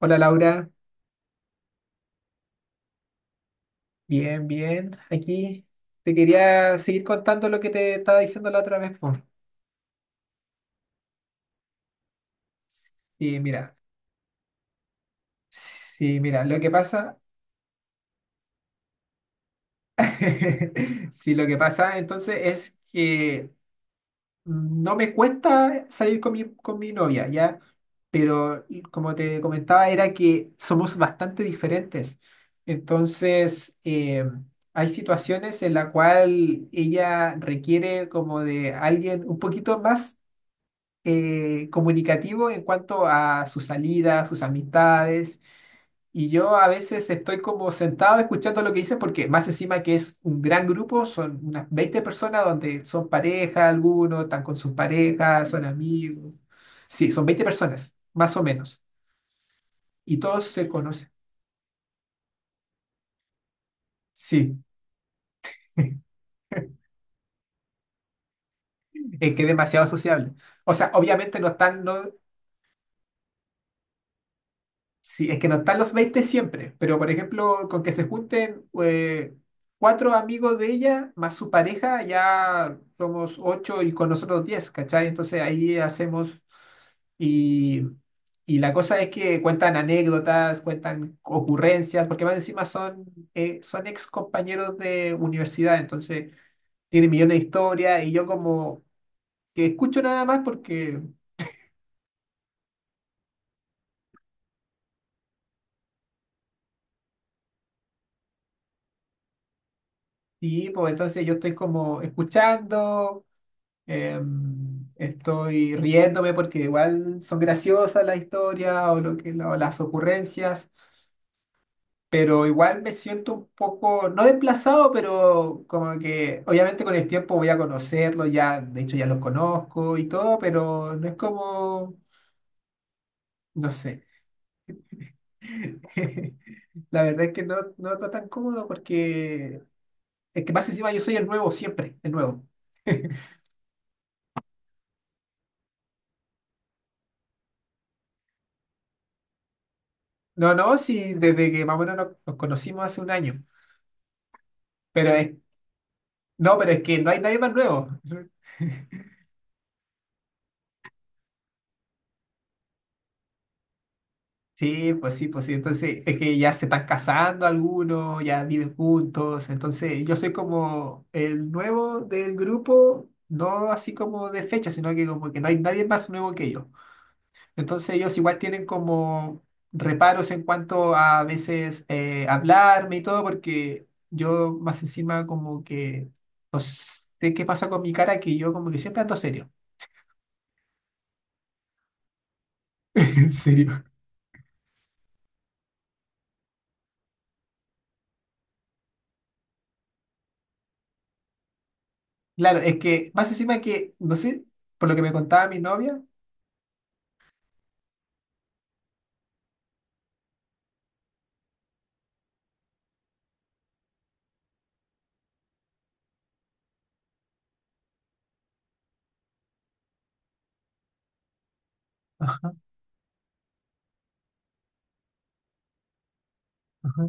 Hola Laura, bien, bien. Aquí te quería seguir contando lo que te estaba diciendo la otra vez. Por. Sí, mira, sí, mira, lo que pasa, sí, lo que pasa entonces es que no me cuesta salir con mi novia, ¿ya? Pero como te comentaba, era que somos bastante diferentes. Entonces, hay situaciones en la cual ella requiere como de alguien un poquito más comunicativo en cuanto a sus salidas, sus amistades. Y yo a veces estoy como sentado escuchando lo que dicen porque más encima que es un gran grupo, son unas 20 personas donde son pareja algunos, están con sus parejas, son amigos. Sí, son 20 personas, más o menos. Y todos se conocen. Sí, es que es demasiado sociable. O sea, obviamente no están, no. Sí, es que no están los 20 siempre, pero por ejemplo, con que se junten cuatro amigos de ella más su pareja, ya somos ocho y con nosotros diez, ¿cachai? Entonces ahí hacemos y, y la cosa es que cuentan anécdotas, cuentan ocurrencias, porque más encima son, son ex compañeros de universidad, entonces tienen millones de historias y yo como que escucho nada más porque, sí, pues entonces yo estoy como escuchando. Estoy riéndome porque igual son graciosas las historias o las ocurrencias, pero igual me siento un poco, no desplazado, pero como que obviamente con el tiempo voy a conocerlo, ya, de hecho ya lo conozco y todo, pero no es como, no sé. La verdad es que no está tan cómodo porque es que más encima yo soy el nuevo siempre, el nuevo. No, no, sí, desde que más o menos nos conocimos hace un año. Pero es No, pero es que no hay nadie más nuevo. Sí, pues sí, pues sí. Entonces, es que ya se están casando algunos, ya viven juntos. Entonces, yo soy como el nuevo del grupo, no así como de fecha, sino que como que no hay nadie más nuevo que yo. Entonces, ellos igual tienen como reparos en cuanto a veces hablarme y todo, porque yo más encima como que no sé qué pasa con mi cara, que yo como que siempre ando serio. En serio. Claro, es que más encima que, no sé, por lo que me contaba mi novia. Ajá, ajá.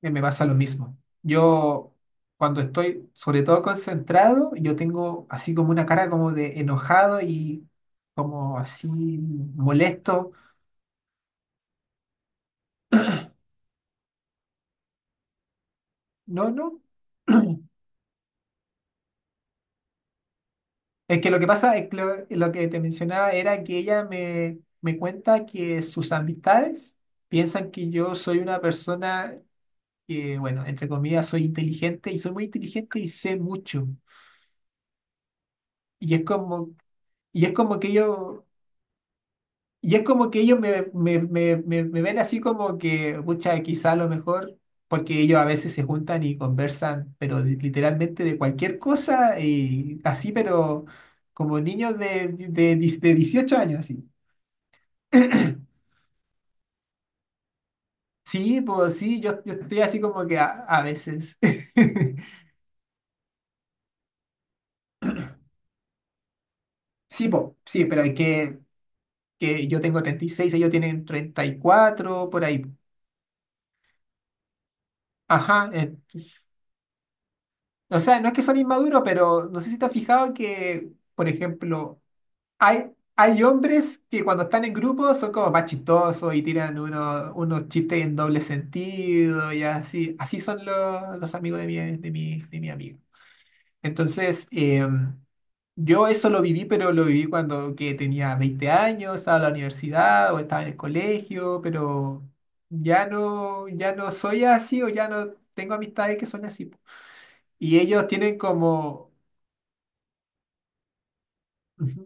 Que me pasa lo mismo. Yo, cuando estoy sobre todo concentrado, yo tengo así como una cara como de enojado y como así molesto. No, no. Es que lo que pasa es que lo que te mencionaba era que ella me cuenta que sus amistades piensan que yo soy una persona que, bueno, entre comillas, soy inteligente y soy muy inteligente y sé mucho. Y es como, y es como que ellos, y es como que ellos me ven así como que, pucha, quizá a lo mejor, porque ellos a veces se juntan y conversan, pero literalmente de cualquier cosa y así, pero como niños de 18 años, así. Sí, pues sí, yo estoy así como que a veces. Sí, pues sí, pero hay que yo tengo 36, ellos tienen 34 por ahí. Ajá, o sea, no es que son inmaduros, pero no sé si te has fijado que, por ejemplo, hay, hay hombres que cuando están en grupo son como más chistosos y tiran unos chistes en doble sentido y así. Así son los amigos de mi, de mi amiga. Entonces, yo eso lo viví, pero lo viví cuando que tenía 20 años, estaba en la universidad o estaba en el colegio, pero ya no, ya no soy así o ya no tengo amistades que son así. Y ellos tienen como... Ujú,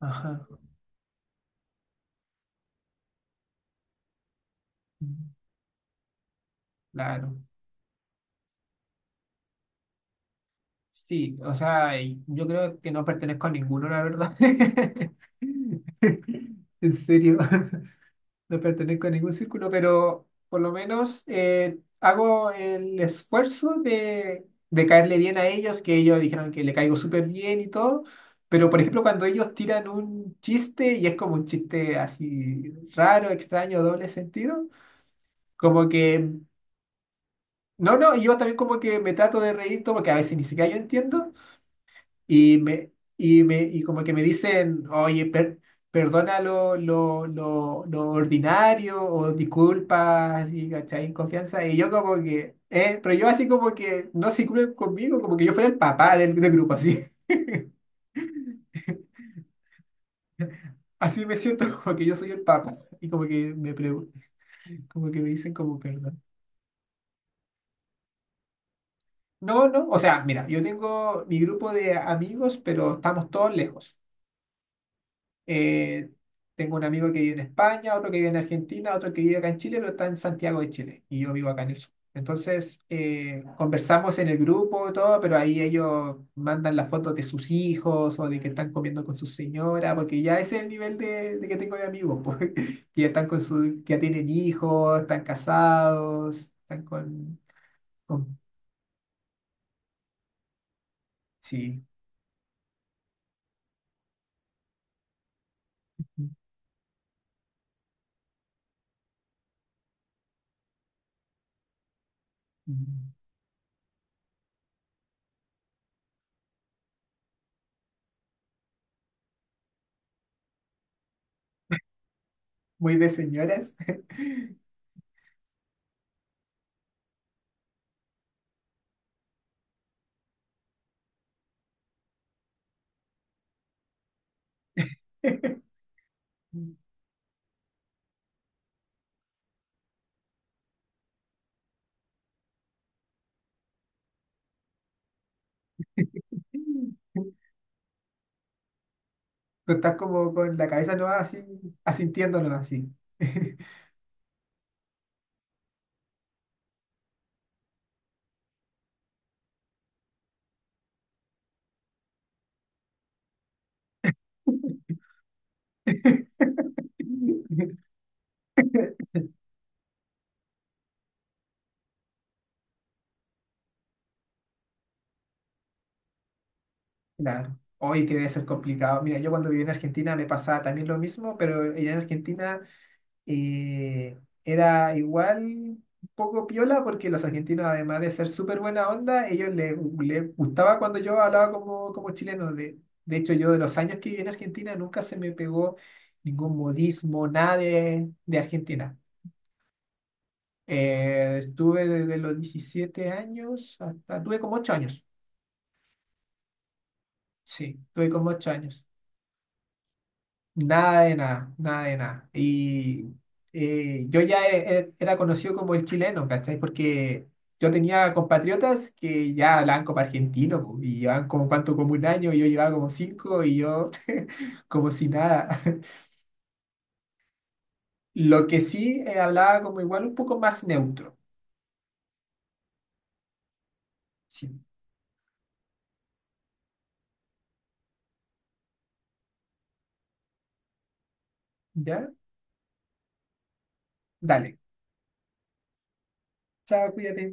ajá, claro. Sí, o sea, y yo creo que no pertenezco a ninguno, la verdad. En serio. No pertenezco a ningún círculo, pero por lo menos hago el esfuerzo de caerle bien a ellos, que ellos dijeron que le caigo súper bien y todo. Pero, por ejemplo, cuando ellos tiran un chiste y es como un chiste así raro, extraño, doble sentido, como que, no, no, y yo también como que me trato de reír todo porque a veces ni siquiera yo entiendo. Y me, y como que me dicen, oye, perdona lo ordinario o disculpa, así, ¿cachai? En confianza. Y yo como que, pero yo así como que no se incluyen conmigo, como que yo fuera el papá del grupo, así. Así me siento como que yo soy el papá. Y como que me pregun- Como que me dicen como perdón. No, no, o sea, mira, yo tengo mi grupo de amigos, pero estamos todos lejos. Eh, Tengo un amigo que vive en España, otro que vive en Argentina, otro que vive acá en Chile, pero está en Santiago de Chile y yo vivo acá en el sur. Entonces, conversamos en el grupo y todo, pero ahí ellos mandan las fotos de sus hijos o de que están comiendo con su señora, porque ya ese es el nivel de que tengo de amigos, pues, que ya están con su, que ya tienen hijos, están casados, están con, con- sí, muy de señoras. Tú estás como con la cabeza no así, asintiéndonos así. Claro. Hoy que debe ser complicado. Mira, yo cuando viví en Argentina me pasaba también lo mismo, pero allá en Argentina era igual un poco piola porque los argentinos, además de ser súper buena onda, ellos les gustaba cuando yo hablaba como chileno. De hecho, yo de los años que viví en Argentina nunca se me pegó ningún modismo, nada de Argentina. Estuve desde los 17 años hasta... Tuve como 8 años. Sí, tuve como 8 años. Nada de nada, nada de nada. Y yo ya era conocido como el chileno, ¿cachai? Porque yo tenía compatriotas que ya hablaban como argentino po, y llevaban como un año, y yo llevaba como 5 y yo como si nada. Lo que sí hablaba como igual un poco más neutro. Sí, ¿ya? Dale. Chao, cuídate.